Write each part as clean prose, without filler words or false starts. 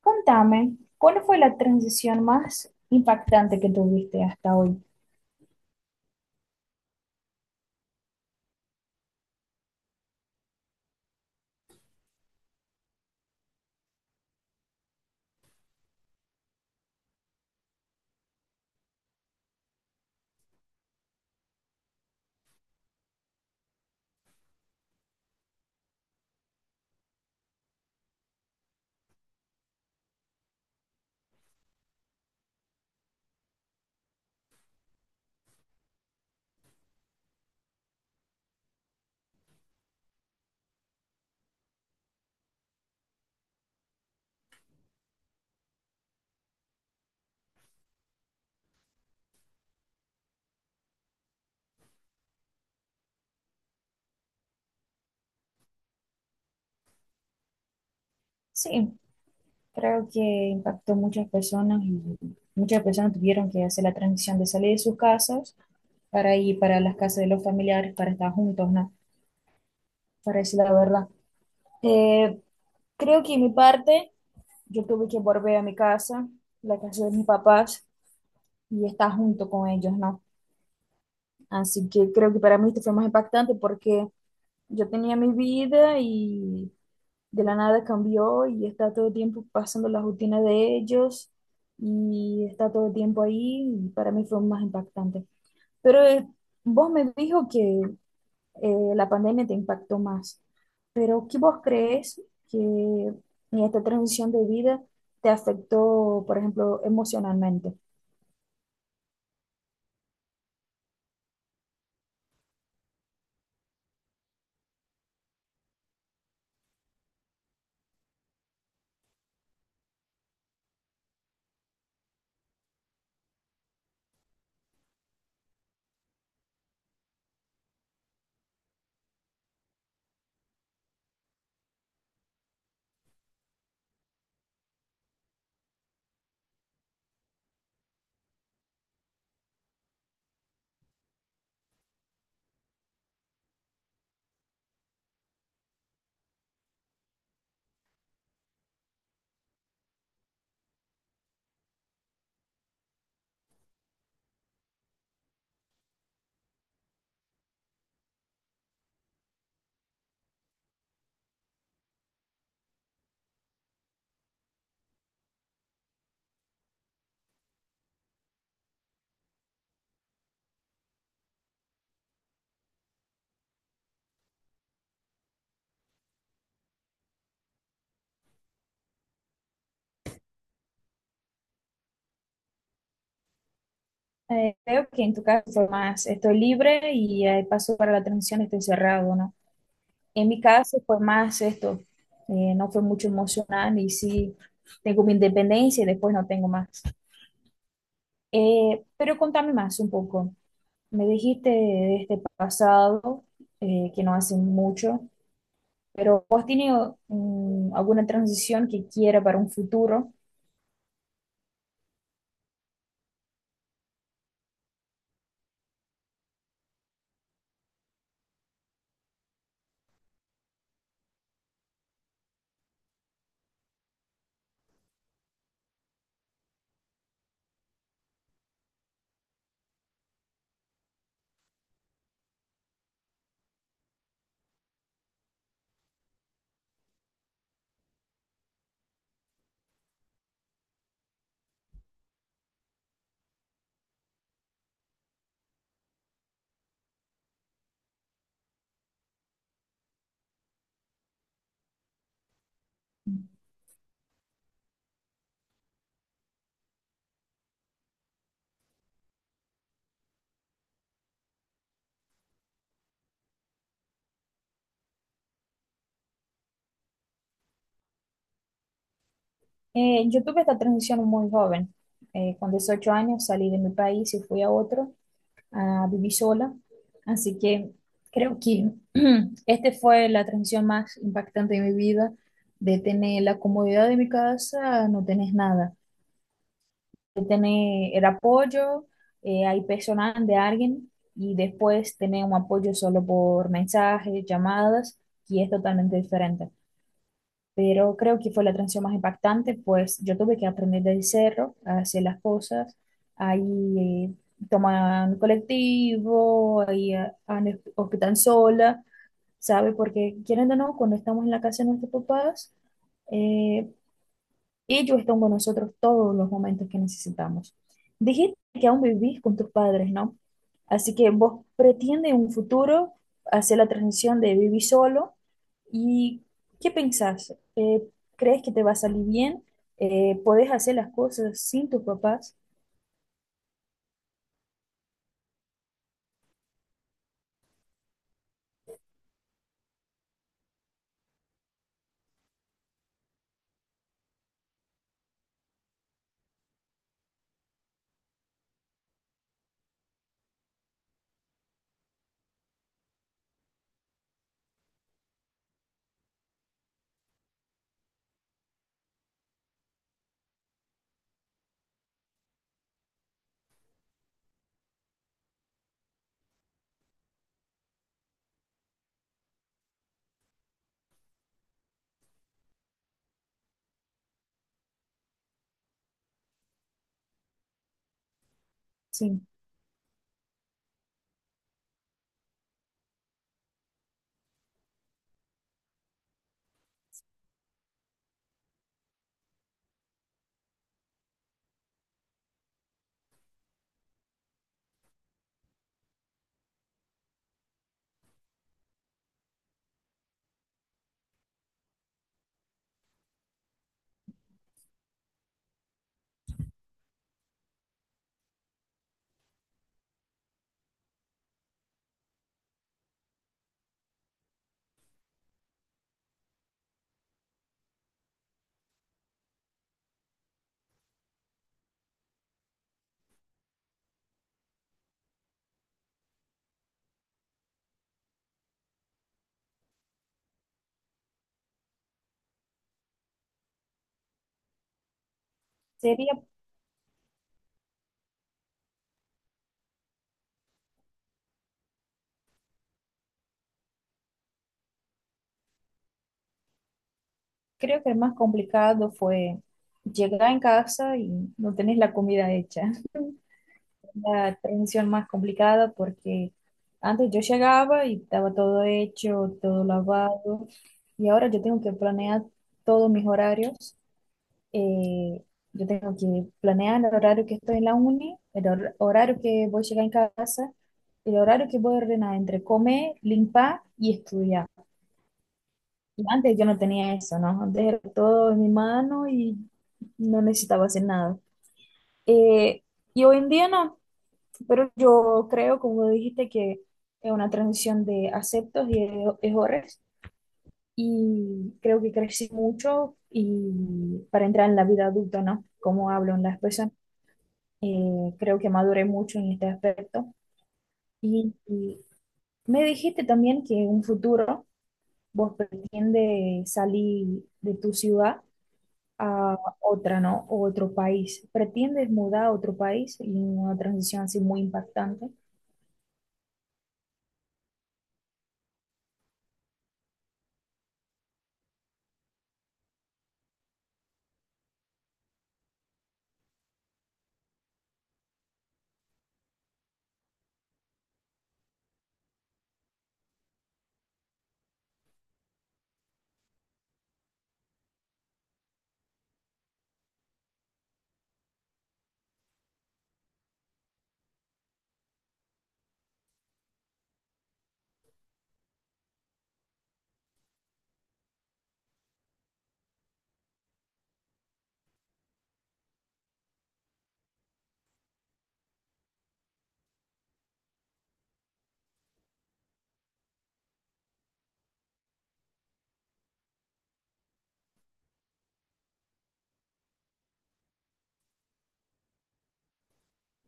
Contame, ¿cuál fue la transición más impactante que tuviste hasta hoy? Sí, creo que impactó muchas personas y muchas personas tuvieron que hacer la transición de salir de sus casas para ir para las casas de los familiares, para estar juntos, ¿no? Para decir la verdad. Eh, creo que en mi parte, yo tuve que volver a mi casa, la casa de mis papás, y estar junto con ellos, ¿no? Así que creo que para mí esto fue más impactante porque yo tenía mi vida y de la nada cambió y está todo el tiempo pasando la rutina de ellos y está todo el tiempo ahí y para mí fue más impactante. Pero vos me dijo que la pandemia te impactó más, pero ¿qué vos crees que en esta transición de vida te afectó, por ejemplo, emocionalmente? Creo que en tu caso fue más, estoy libre y paso para la transición, estoy cerrado, ¿no? En mi caso fue más esto, no fue mucho emocional y sí tengo mi independencia y después no tengo más. Pero contame más un poco. Me dijiste de este pasado, que no hace mucho, pero ¿vos tienes alguna transición que quiera para un futuro? Yo tuve esta transición muy joven. Con 18 años salí de mi país y fui a otro. A vivir sola. Así que creo que este fue la transición más impactante de mi vida, de tener la comodidad de mi casa, no tenés nada, de tener el apoyo, hay personal de alguien y después tener un apoyo solo por mensajes, llamadas, y es totalmente diferente, pero creo que fue la transición más impactante, pues yo tuve que aprender del cerro a hacer las cosas, ahí toman colectivo, ahí en el sola, ¿sabe? Porque quieren o no, cuando estamos en la casa de nuestros papás, eh, y ellos están con nosotros todos los momentos que necesitamos. Dijiste que aún vivís con tus padres, ¿no? Así que vos pretende en un futuro hacer la transición de vivir solo y ¿qué pensás? ¿Crees que te va a salir bien? ¿Podés hacer las cosas sin tus papás? Sí, sería, creo que el más complicado fue llegar en casa y no tenés la comida hecha. La transición más complicada porque antes yo llegaba y estaba todo hecho, todo lavado, y ahora yo tengo que planear todos mis horarios. eh, yo tengo que planear el horario que estoy en la uni, el horario que voy a llegar en casa, el horario que voy a ordenar entre comer, limpar y estudiar. Y antes yo no tenía eso, ¿no? Antes era todo en mi mano y no necesitaba hacer nada. Eh, y hoy en día no. Pero yo creo, como dijiste, que es una transición de aceptos y de errores y creo que crecí mucho y para entrar en la vida adulta, ¿no? Como hablo en la expresión, creo que maduré mucho en este aspecto. Y me dijiste también que en un futuro vos pretendes salir de tu ciudad a otra, ¿no? O otro país. ¿Pretendes mudar a otro país y una transición así muy impactante?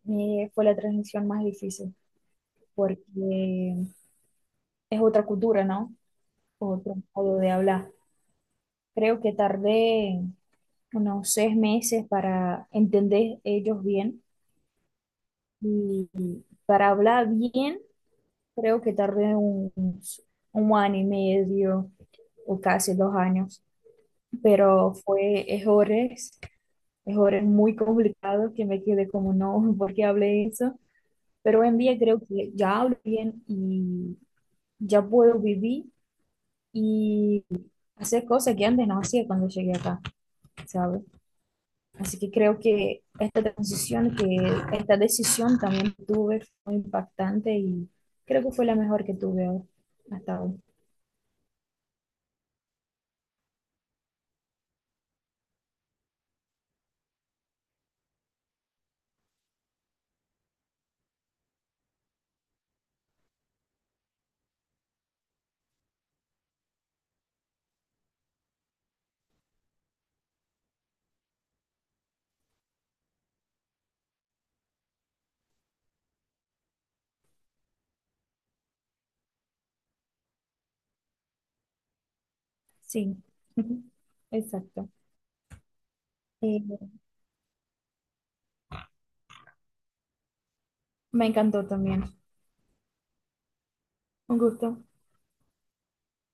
Fue la transición más difícil. Porque es otra cultura, ¿no? Otro modo de hablar. Creo que tardé unos 6 meses para entender ellos bien y para hablar bien, creo que tardé 1 año y medio o casi 2 años, pero fue errores, errores muy complicados que me quedé como no, ¿por qué hablé eso? Pero hoy en día creo que ya hablo bien y ya puedo vivir y hacer cosas que antes no hacía cuando llegué acá, ¿sabes? Así que creo que esta transición, que esta decisión también tuve fue impactante y creo que fue la mejor que tuve hasta ahora. Sí, exacto. Eh, me encantó también. Un gusto.